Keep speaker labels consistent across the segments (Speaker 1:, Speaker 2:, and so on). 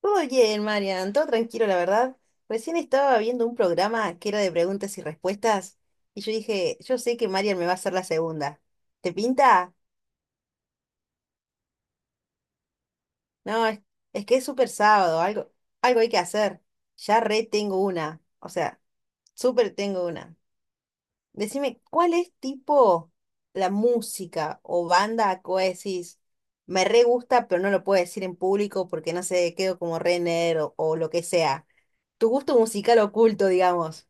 Speaker 1: Todo bien, Marian, todo tranquilo, la verdad. Recién estaba viendo un programa que era de preguntas y respuestas y yo dije, yo sé que Marian me va a hacer la segunda. ¿Te pinta? No, es que es súper sábado, algo, algo hay que hacer. Ya re tengo una, o sea, súper tengo una. Decime, ¿cuál es tipo la música o banda que vos decís? Me re gusta, pero no lo puedo decir en público porque no sé, quedo como re nerd o lo que sea. Tu gusto musical oculto, digamos.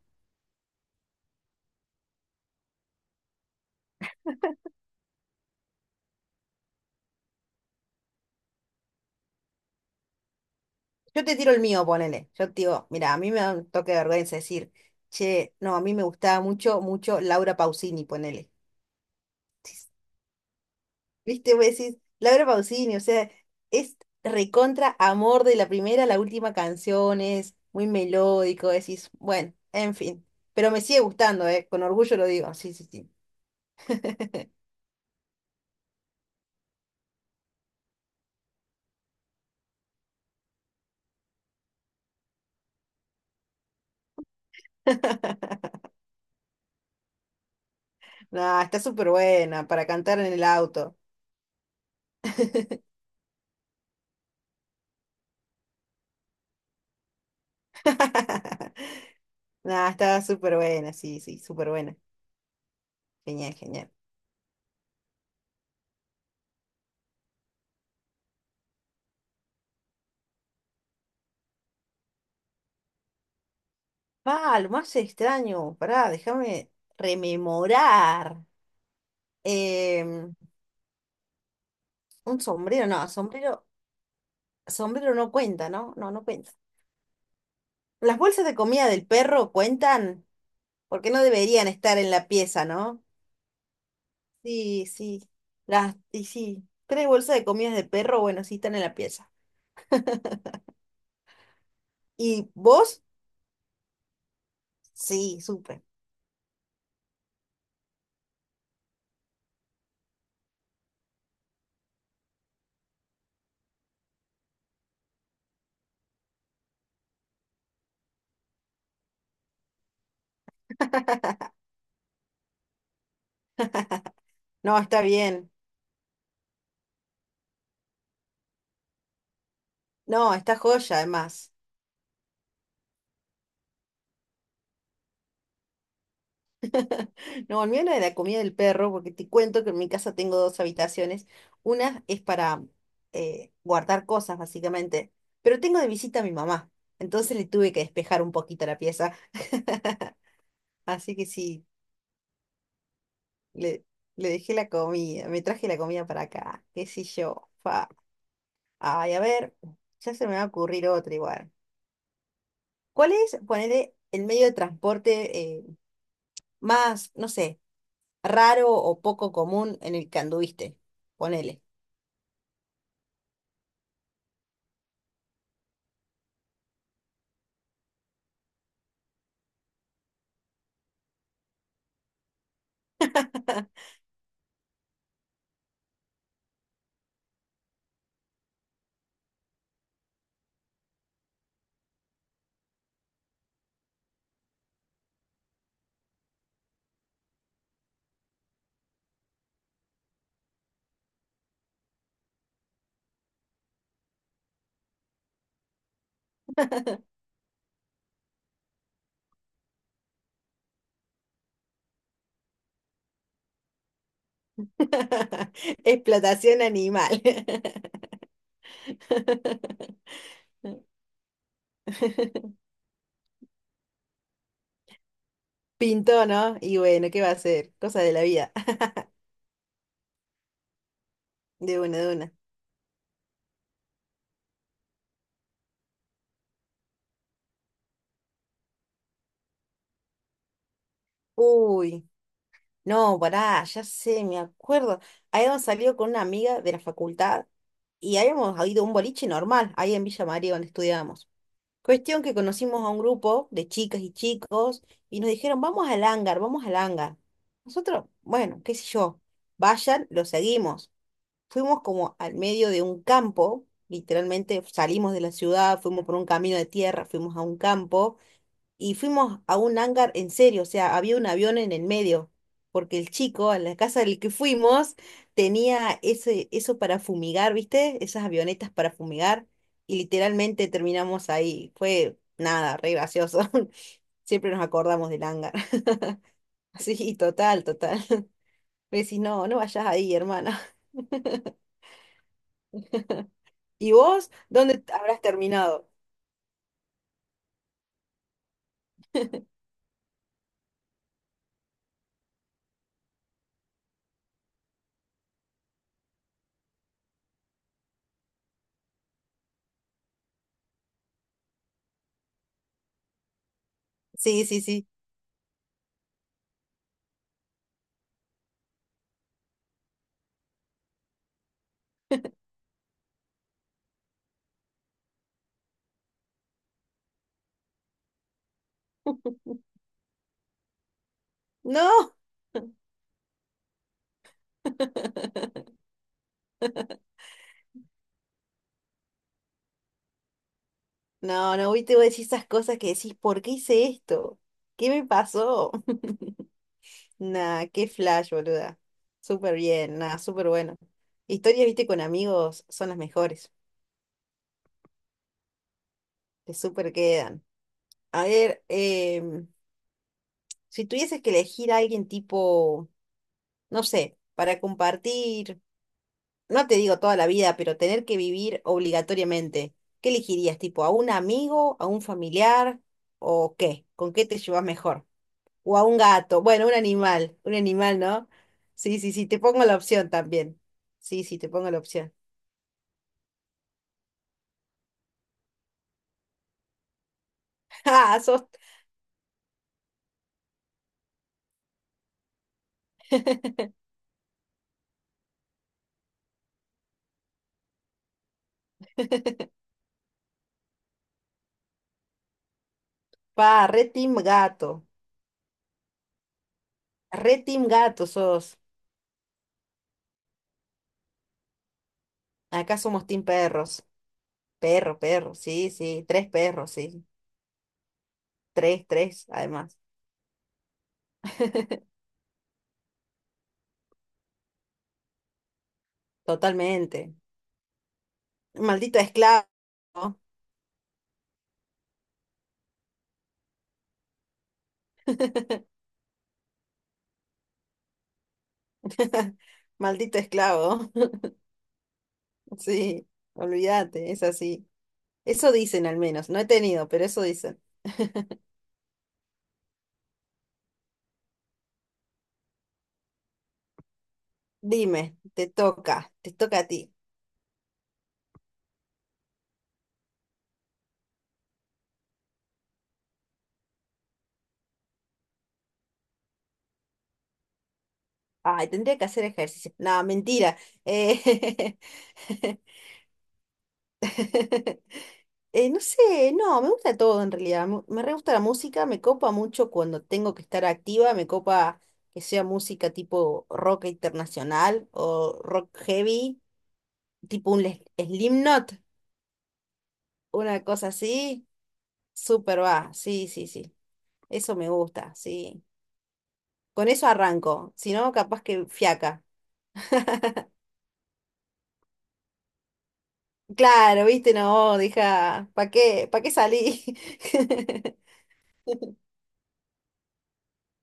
Speaker 1: Yo te tiro el mío, ponele. Yo te digo, mira, a mí me da un toque de vergüenza decir, che, no, a mí me gustaba mucho, mucho Laura Pausini, ponele. ¿Viste? Vos decís, Laura Pausini, o sea, es recontra amor de la primera a la última canción, es muy melódico, decís, bueno, en fin. Pero me sigue gustando, ¿eh? Con orgullo lo digo, sí, sí, sí. Nah, está súper buena para cantar en el auto. Nah, está súper buena, sí, sí, súper buena. Genial, genial. Ah, lo más extraño, pará, déjame rememorar. Em, un sombrero, no, sombrero, sombrero no cuenta, ¿no? No, no cuenta. ¿Las bolsas de comida del perro cuentan? Porque no deberían estar en la pieza, ¿no? Sí, sí. Las, y sí, tres bolsas de comidas de perro, bueno, sí están en la pieza. ¿Y vos? Sí, supe. No, está bien. No, está joya, además. No, el mío era de la comida del perro, porque te cuento que en mi casa tengo dos habitaciones. Una es para guardar cosas, básicamente, pero tengo de visita a mi mamá, entonces le tuve que despejar un poquito la pieza. Así que sí, le, le dejé la comida, me traje la comida para acá, qué sé yo. Fa. Ay, a ver, ya se me va a ocurrir otra igual. ¿Cuál es, ponele, el medio de transporte más, no sé, raro o poco común en el que anduviste? Ponele. Explotación animal. Pintó, ¿no? Y bueno, ¿qué va a hacer? Cosa de la vida. De una, de una. Uy, no, pará, ya sé, me acuerdo. Habíamos salido con una amiga de la facultad y habíamos ido a un boliche normal, ahí en Villa María, donde estudiábamos. Cuestión que conocimos a un grupo de chicas y chicos y nos dijeron, vamos al hangar, vamos al hangar. Nosotros, bueno, qué sé yo, vayan, lo seguimos. Fuimos como al medio de un campo, literalmente salimos de la ciudad, fuimos por un camino de tierra, fuimos a un campo y fuimos a un hangar en serio, o sea, había un avión en el medio, porque el chico en la casa del que fuimos tenía ese, eso para fumigar, ¿viste? Esas avionetas para fumigar y literalmente terminamos ahí. Fue nada, re gracioso. Siempre nos acordamos del hangar. Sí, total, total. Me decís, no, no vayas ahí, hermana. ¿Y vos dónde habrás terminado? Sí, sí, sí. No, no, no, hoy te voy a decir esas cosas que decís, ¿por qué hice esto? ¿Qué me pasó? Nah, qué flash, boluda. Súper bien, nah, súper bueno. Historias, viste, con amigos son las mejores. Te súper quedan. A ver, si tuvieses que elegir a alguien tipo, no sé, para compartir. No te digo toda la vida, pero tener que vivir obligatoriamente, ¿qué elegirías? ¿Tipo a un amigo, a un familiar o qué? ¿Con qué te llevas mejor? ¿O a un gato? Bueno, un animal, ¿no? Sí, sí, sí, te pongo la opción también. Sí, sí, te pongo la opción. ¡Ah! Sos, pa, re team gato. Re team gato sos. Acá somos team perros. Perro, perro, sí, sí. Tres perros, sí. Tres, tres, además. Totalmente. Maldito esclavo. Maldito esclavo. Sí, olvídate, es así. Eso dicen al menos, no he tenido, pero eso dicen. Dime, te toca a ti. Ay, tendría que hacer ejercicio. No, mentira. Eh, no sé, no, me gusta todo en realidad. Me re gusta la música, me copa mucho cuando tengo que estar activa, me copa que sea música tipo rock internacional o rock heavy, tipo un Slim- Slipknot, una cosa así. Súper va, sí, sí, sí. Eso me gusta, sí. Con eso arranco, si no, capaz que fiaca. Claro, viste, no, deja, para qué salí?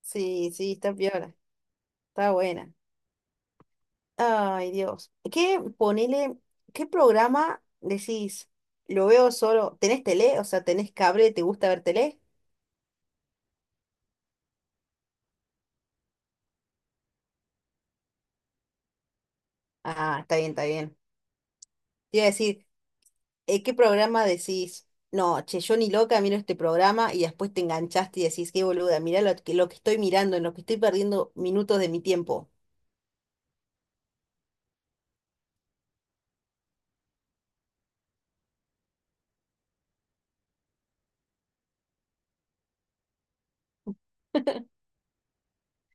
Speaker 1: Sí, sí, está piola, está buena. Ay, Dios. ¿Qué, ponele, qué programa decís? Lo veo solo, ¿tenés tele? O sea, ¿tenés cable? ¿Te gusta ver tele? Ah, está bien, está bien. Te iba a decir, ¿qué programa decís? No, che, yo ni loca miro este programa y después te enganchaste y decís, qué boluda, mirá lo que estoy mirando, en lo que estoy perdiendo minutos de mi tiempo.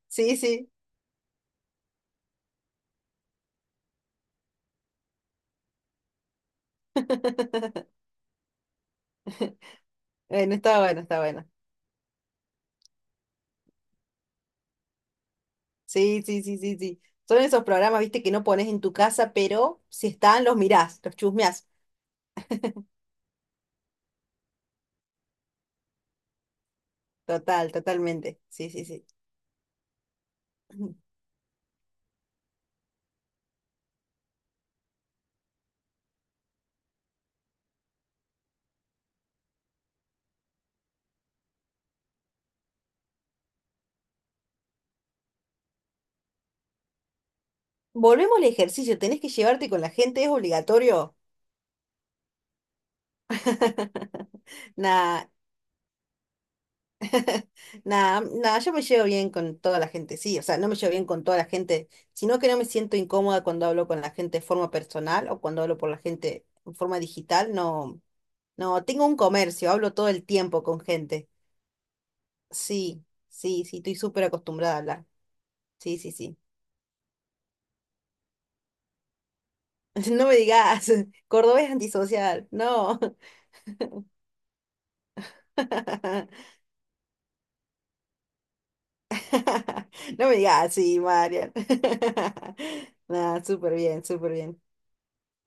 Speaker 1: Sí, sí. Bueno, está bueno, está bueno. Sí, sí, sí, sí, sí. Son esos programas, viste, que no pones en tu casa, pero si están, los mirás, los chusmeás. Total, totalmente. Sí, sí, sí. Volvemos al ejercicio, tenés que llevarte con la gente, es obligatorio. Nada, nada, nada, yo me llevo bien con toda la gente, sí, o sea, no me llevo bien con toda la gente, sino que no me siento incómoda cuando hablo con la gente de forma personal o cuando hablo por la gente en forma digital, no, no, tengo un comercio, hablo todo el tiempo con gente, sí, sí, sí, estoy súper acostumbrada a hablar, sí, sí, sí, no me digas, cordobés antisocial, no, no me digas, sí, Marian, nada, súper bien, súper bien.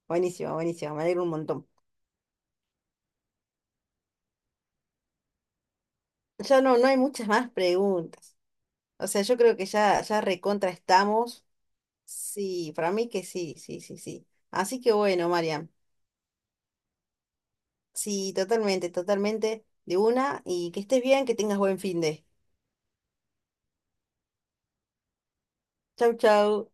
Speaker 1: Buenísimo, buenísimo, me alegro un montón. Ya no, no hay muchas más preguntas. O sea, yo creo que ya, ya recontra estamos. Sí, para mí que sí, sí, sí, sí. Así que bueno, Marian, sí, totalmente, totalmente de una y que estés bien, que tengas buen fin de. Chau, chau.